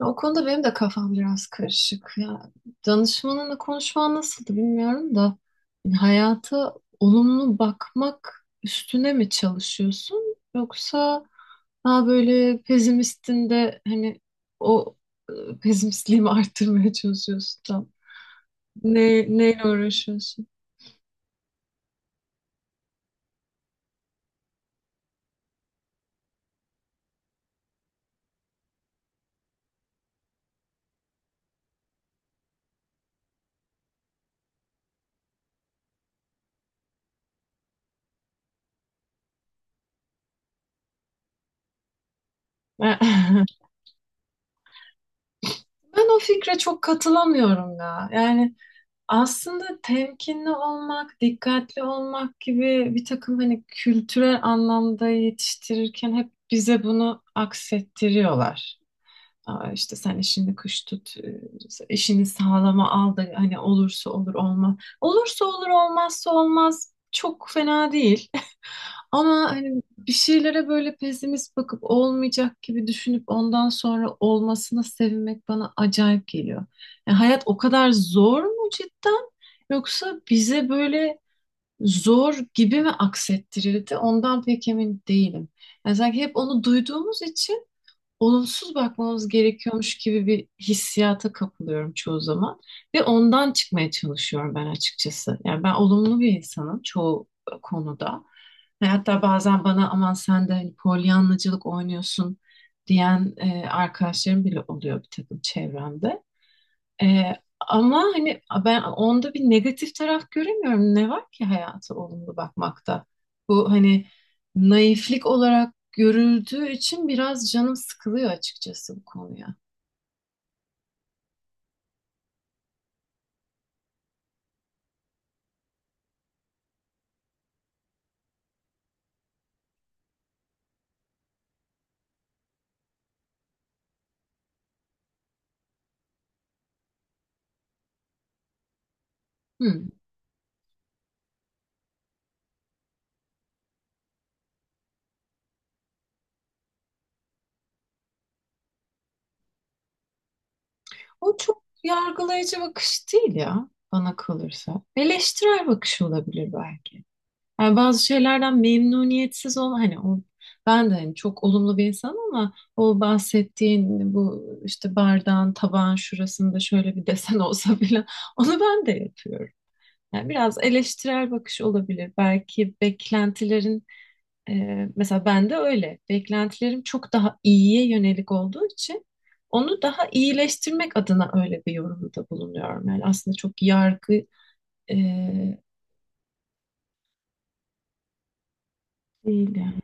O konuda benim de kafam biraz karışık. Danışmanınla konuşman nasıldı bilmiyorum da yani hayata olumlu bakmak üstüne mi çalışıyorsun yoksa daha böyle pesimistin de hani o pesimistliğimi arttırmaya çalışıyorsun tam. Neyle uğraşıyorsun? Ben o fikre çok katılamıyorum ya. Yani aslında temkinli olmak, dikkatli olmak gibi bir takım hani kültürel anlamda yetiştirirken hep bize bunu aksettiriyorlar. Aa, işte sen işini kış tut, işini sağlama al da hani olursa olur olmaz. Olursa olur olmazsa olmaz çok fena değil. Ama hani bir şeylere böyle pesimist bakıp olmayacak gibi düşünüp ondan sonra olmasına sevinmek bana acayip geliyor. Yani hayat o kadar zor mu cidden? Yoksa bize böyle zor gibi mi aksettirildi? Ondan pek emin değilim. Yani sanki hep onu duyduğumuz için olumsuz bakmamız gerekiyormuş gibi bir hissiyata kapılıyorum çoğu zaman ve ondan çıkmaya çalışıyorum ben açıkçası. Yani ben olumlu bir insanım çoğu konuda. Ve hatta bazen bana aman sen de hani polyanlacılık oynuyorsun diyen arkadaşlarım bile oluyor bir takım çevremde. Ee, ama hani ben onda bir negatif taraf göremiyorum. Ne var ki hayata olumlu bakmakta? Bu hani naiflik olarak görüldüğü için biraz canım sıkılıyor açıkçası bu konuya. Hmm. O çok yargılayıcı bakış değil ya bana kalırsa. Eleştirel bakış olabilir belki. Yani bazı şeylerden memnuniyetsiz ol hani o, ben de hani çok olumlu bir insanım ama o bahsettiğin bu işte bardağın tabağın şurasında şöyle bir desen olsa bile onu ben de yapıyorum. Yani biraz eleştirel bakış olabilir. Belki beklentilerin e, mesela ben de öyle. Beklentilerim çok daha iyiye yönelik olduğu için onu daha iyileştirmek adına öyle bir yorumda bulunuyorum. Yani aslında çok yargı e, değil yani.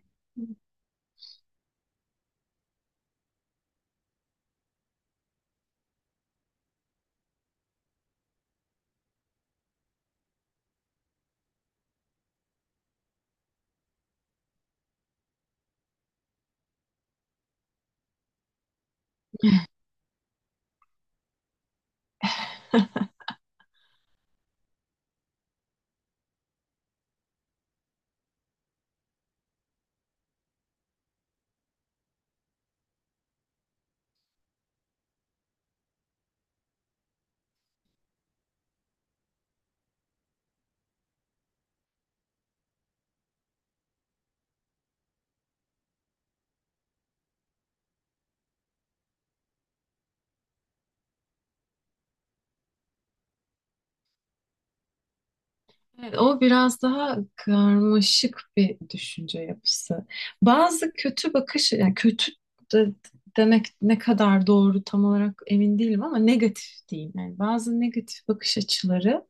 Evet, o biraz daha karmaşık bir düşünce yapısı. Bazı kötü bakış, yani kötü de- demek ne kadar doğru tam olarak emin değilim ama negatif diyeyim. Yani bazı negatif bakış açıları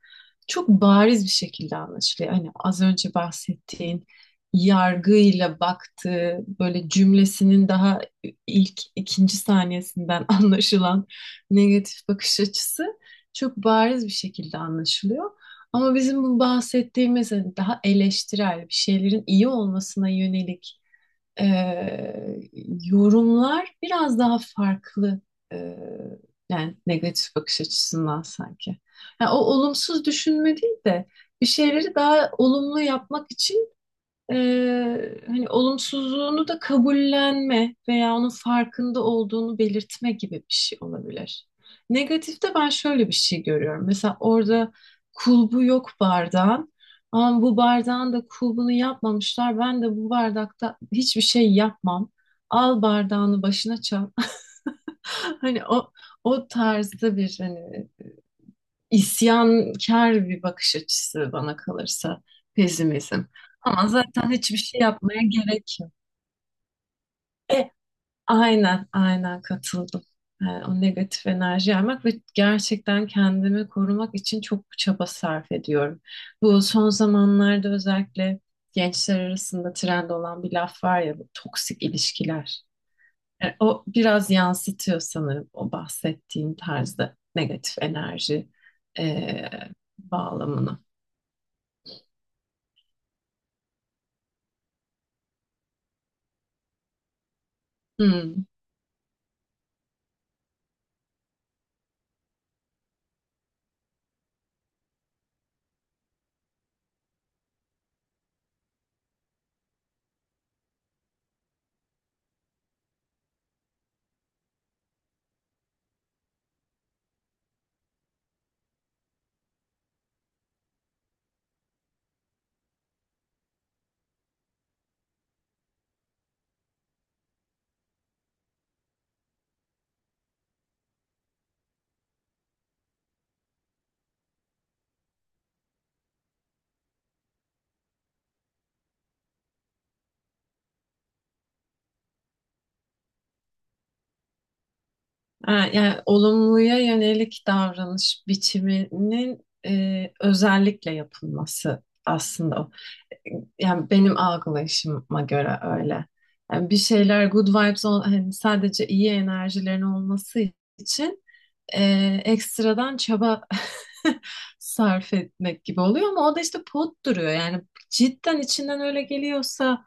çok bariz bir şekilde anlaşılıyor. Hani az önce bahsettiğin yargıyla baktığı böyle cümlesinin daha ilk ikinci saniyesinden anlaşılan negatif bakış açısı çok bariz bir şekilde anlaşılıyor. Ama bizim bu bahsettiğimiz hani daha eleştirel bir şeylerin iyi olmasına yönelik eee, yorumlar biraz daha farklı eee, yani negatif bakış açısından sanki. Yani o olumsuz düşünme değil de bir şeyleri daha olumlu yapmak için hani olumsuzluğunu da kabullenme veya onun farkında olduğunu belirtme gibi bir şey olabilir. Negatifte ben şöyle bir şey görüyorum. Mesela orada kulbu yok bardağın. Ama bu bardağın da kulbunu yapmamışlar. Ben de bu bardakta hiçbir şey yapmam. Al bardağını başına çal. Hani o tarzda bir hani isyankar bir bakış açısı bana kalırsa pesimizm. Ama zaten hiçbir şey yapmaya gerek yok. E, aynen, aynen katıldım. E, o negatif enerji yaymak ve gerçekten kendimi korumak için çok çaba sarf ediyorum. Bu son zamanlarda özellikle gençler arasında trend olan bir laf var ya bu toksik ilişkiler. E, o biraz yansıtıyor sanırım o bahsettiğim tarzda negatif enerji e, bağlamını. Hmm. Ha, yani olumluya yönelik davranış biçiminin özellikle yapılması aslında. O. Yani benim algılayışıma göre öyle. Yani bir şeyler good vibes hani sadece iyi enerjilerin olması için ekstradan çaba sarf etmek gibi oluyor ama o da işte pot duruyor. Yani cidden içinden öyle geliyorsa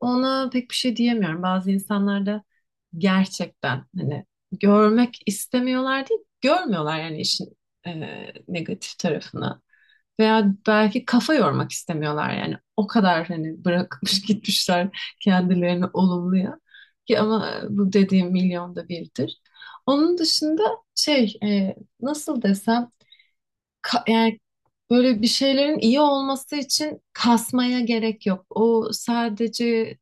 ona pek bir şey diyemiyorum. Bazı insanlar da gerçekten hani görmek istemiyorlar değil, görmüyorlar yani işin e, negatif tarafını. Veya belki kafa yormak istemiyorlar yani o kadar hani bırakmış gitmişler kendilerini olumluya ki ama bu dediğim milyonda birdir. Onun dışında şey e, nasıl desem yani böyle bir şeylerin iyi olması için kasmaya gerek yok. O sadece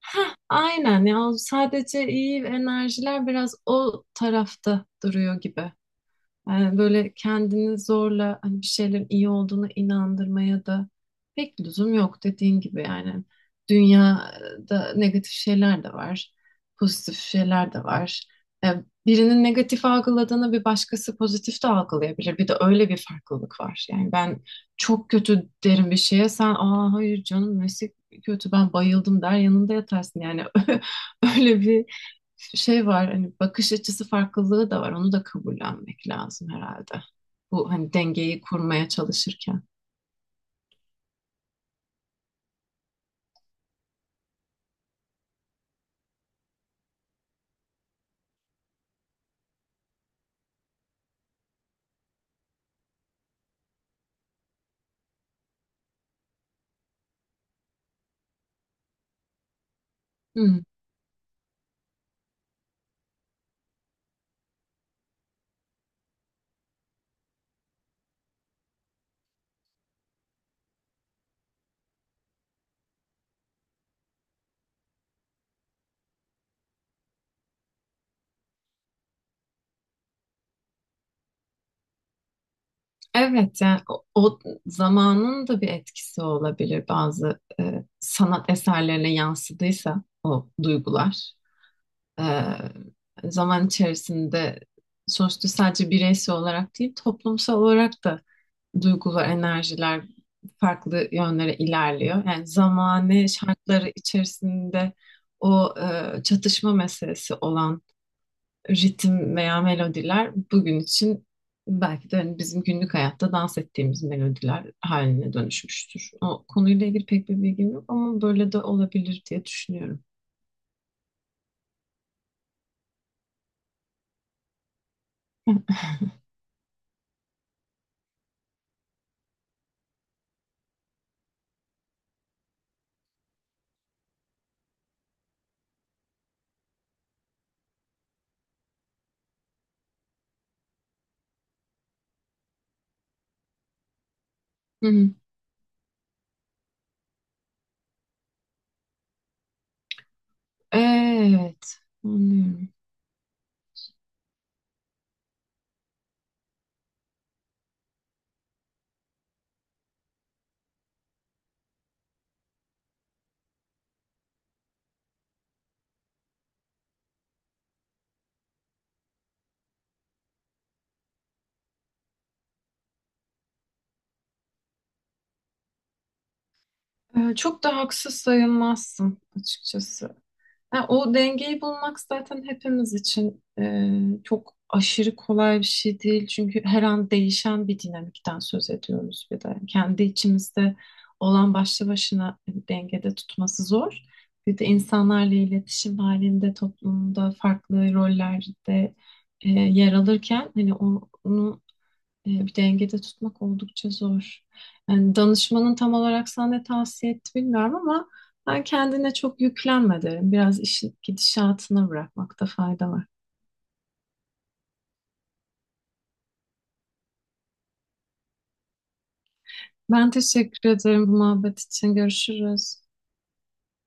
heh, aynen ya o sadece iyi enerjiler biraz o tarafta duruyor gibi. Yani böyle kendini zorla hani bir şeylerin iyi olduğuna inandırmaya da pek lüzum yok dediğin gibi yani. Dünyada negatif şeyler de var, pozitif şeyler de var. E, Birinin negatif algıladığını bir başkası pozitif de algılayabilir. Bir de öyle bir farklılık var. Yani ben çok kötü derim bir şeye sen aa hayır canım nesi kötü ben bayıldım der yanında yatarsın. Yani öyle bir şey var hani bakış açısı farklılığı da var. Onu da kabullenmek lazım herhalde. Bu hani dengeyi kurmaya çalışırken. Hmm. Evet yani o zamanın da bir etkisi olabilir bazı sanat eserlerine yansıdıysa o duygular. E, zaman içerisinde sonuçta sadece bireysel olarak değil toplumsal olarak da duygu ve enerjiler farklı yönlere ilerliyor. Yani zamane şartları içerisinde o çatışma meselesi olan ritim veya melodiler bugün için belki de hani bizim günlük hayatta dans ettiğimiz melodiler haline dönüşmüştür. O konuyla ilgili pek bir bilgim yok ama böyle de olabilir diye düşünüyorum. Hı hı. Evet, anlıyorum. E, çok da haksız sayılmazsın açıkçası. Ha, o dengeyi bulmak zaten hepimiz için çok aşırı kolay bir şey değil. Çünkü her an değişen bir dinamikten söz ediyoruz bir de. Kendi içimizde olan başlı başına dengede tutması zor. Bir de insanlarla iletişim halinde, toplumda, farklı rollerde yer alırken hani onu bir dengede tutmak oldukça zor. Yani danışmanın tam olarak sana ne tavsiye etti bilmiyorum ama ben kendine çok yüklenme derim. Biraz işin gidişatına bırakmakta fayda var. Ben teşekkür ederim bu muhabbet için. Görüşürüz.